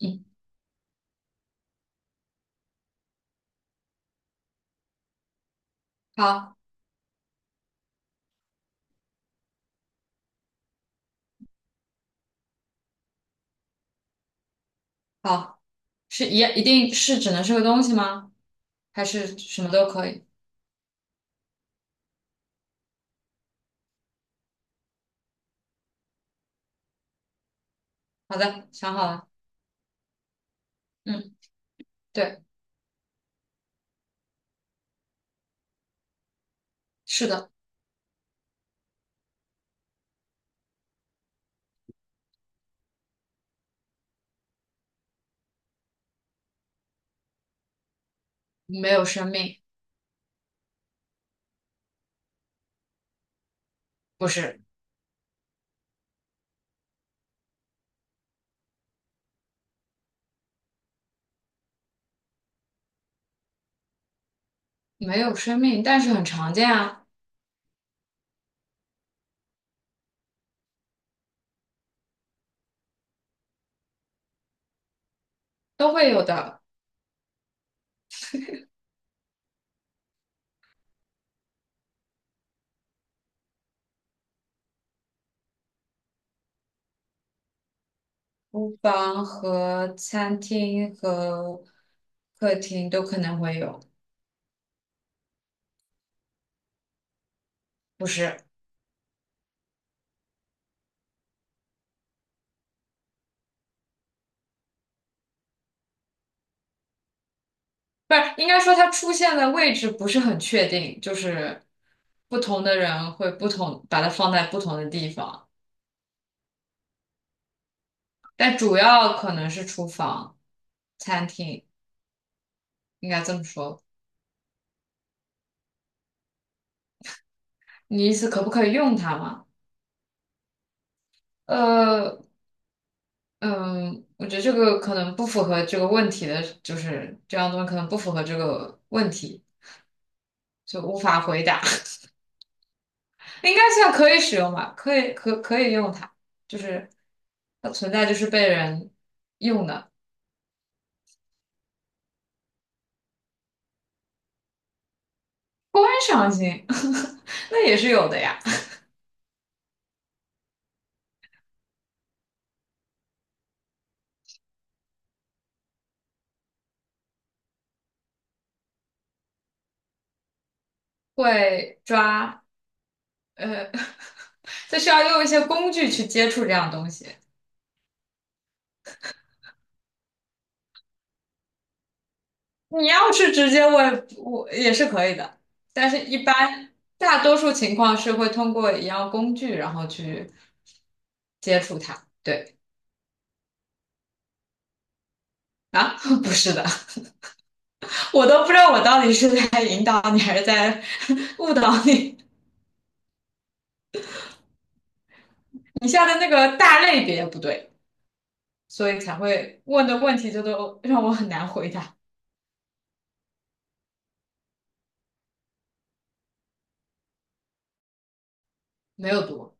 嗯，好，好是一定是只能是个东西吗？还是什么都可以？好的，想好了。嗯，对，是的。没有生命。不是。没有生命，但是很常见啊。都会有的。厨房和餐厅和客厅都可能会有。不是。不是，应该说它出现的位置不是很确定，就是不同的人会不同，把它放在不同的地方。但主要可能是厨房。餐厅，应该这么说。你意思可不可以用它吗？呃，嗯，我觉得这个可能不符合这个问题的，就是这样东西可能不符合这个问题，就无法回答。应该算可以使用吧，可以用它，就是它存在就是被人用的。观赏性，那也是有的呀。会抓，呃，就需要用一些工具去接触这样东西。你要是直接问我也是可以的，但是一般大多数情况是会通过一样工具，然后去接触它。对啊，不是的，我都不知道我到底是在引导你还是在 误导你。你下的那个大类别不对，所以才会问的问题就都让我很难回答。没有毒。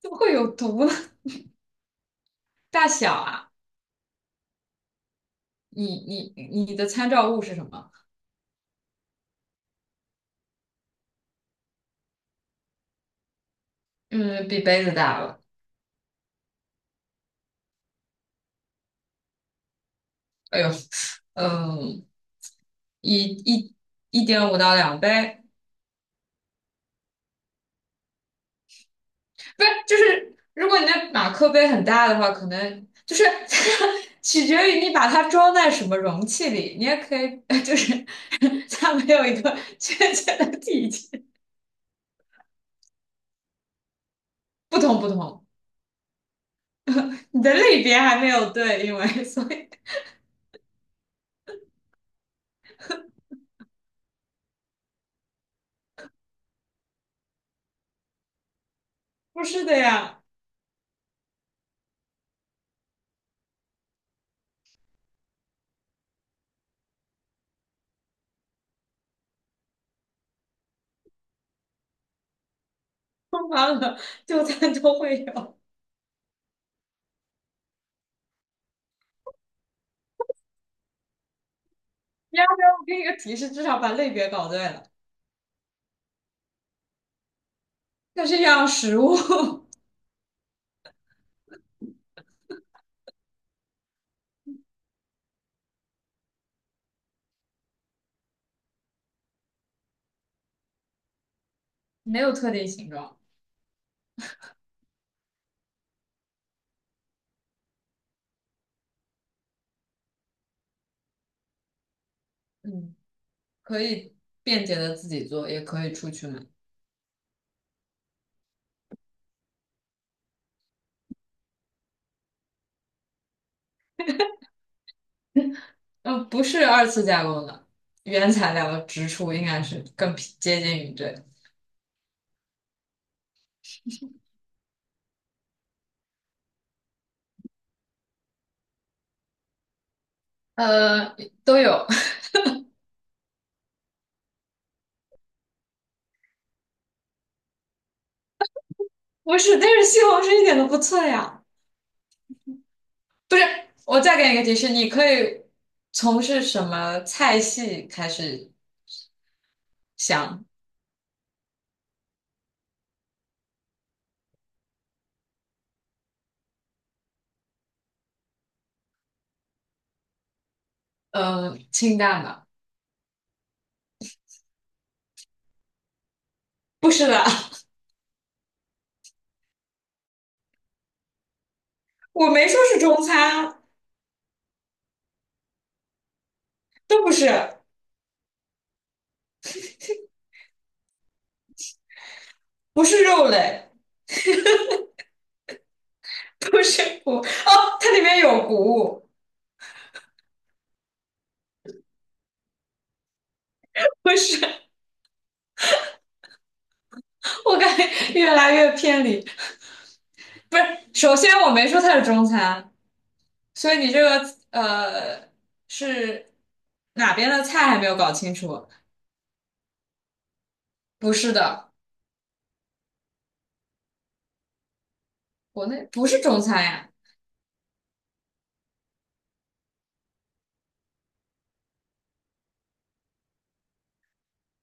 怎么会有毒呢？大小啊，你的参照物是什么？嗯，比杯子大了。哎呦。嗯。一一1.5到2杯。不是，就是如果你的马克杯很大的话，可能就是 取决于你把它装在什么容器里。你也可以，就是它没有一个确切的体积。不同不同。你的类别还没有对，因为所以不是的呀，通常的就餐都会有。你要不要我给你个提示，至少把类别搞对了？它是一样食物。没有特定形状。嗯。可以便捷的自己做，也可以出去买。不是二次加工的，原材料直出应该是更匹接近于这。呃，都有。不是，但是西红柿一点都不脆呀。不是，我再给你一个提示，你可以从事什么菜系开始想？清淡的。不是的，我没说是中餐啊。都不是。不是肉类。不是谷，哦，它里面有谷物。不是。我感觉越来越偏离。不是，首先我没说它是中餐，所以你这个呃是哪边的菜还没有搞清楚。不是的。国内不是中餐呀。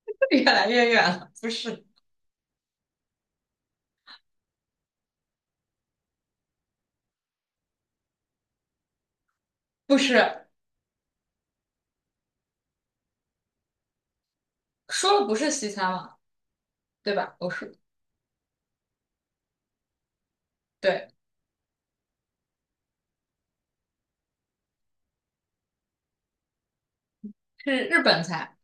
越来越远了。不是。不是，说了不是西餐嘛，对吧？不是，对，是日本菜。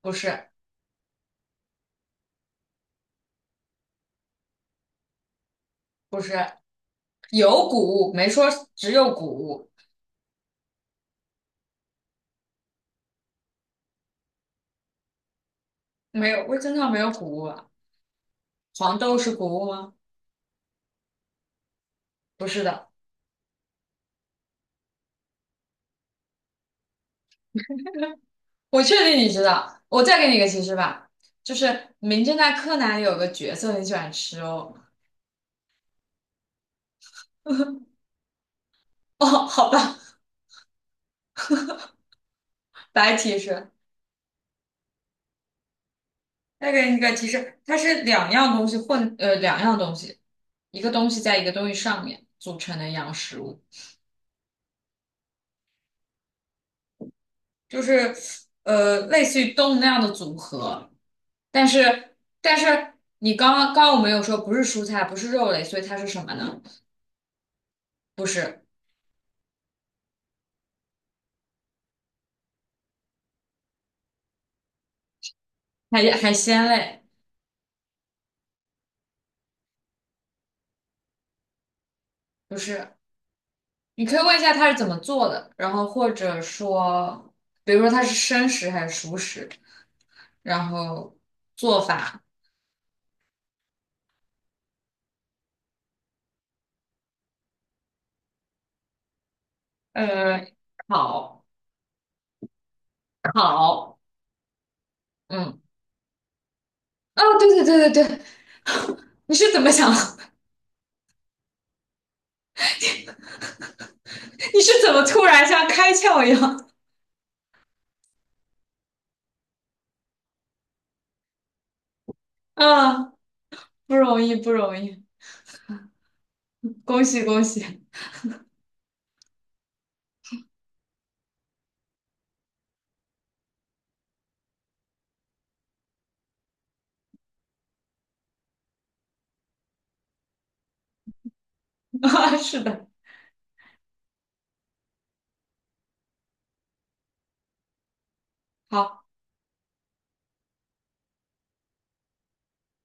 不是。不是，有谷物，没说只有谷物。没有味噌汤没有谷物啊。黄豆是谷物吗？不是的。我确定你知道。我再给你一个提示吧，就是《名侦探柯南》里有个角色很喜欢吃哦。哦，好吧。白提示。再给你一个提示，它是两样东西混，两样东西，一个东西在一个东西上面组成的一样食物，就是类似于动物那样的组合。但是，但是你刚刚我们有说不是蔬菜，不是肉类，所以它是什么呢？不是海鲜类。不是。你可以问一下它是怎么做的，然后或者说，比如说它是生食还是熟食，然后做法。呃，烤烤。嗯。哦，对对对对对，你是怎么想？你是怎么突然像开窍一样？啊，不容易不容易，恭喜恭喜，啊，是的。好。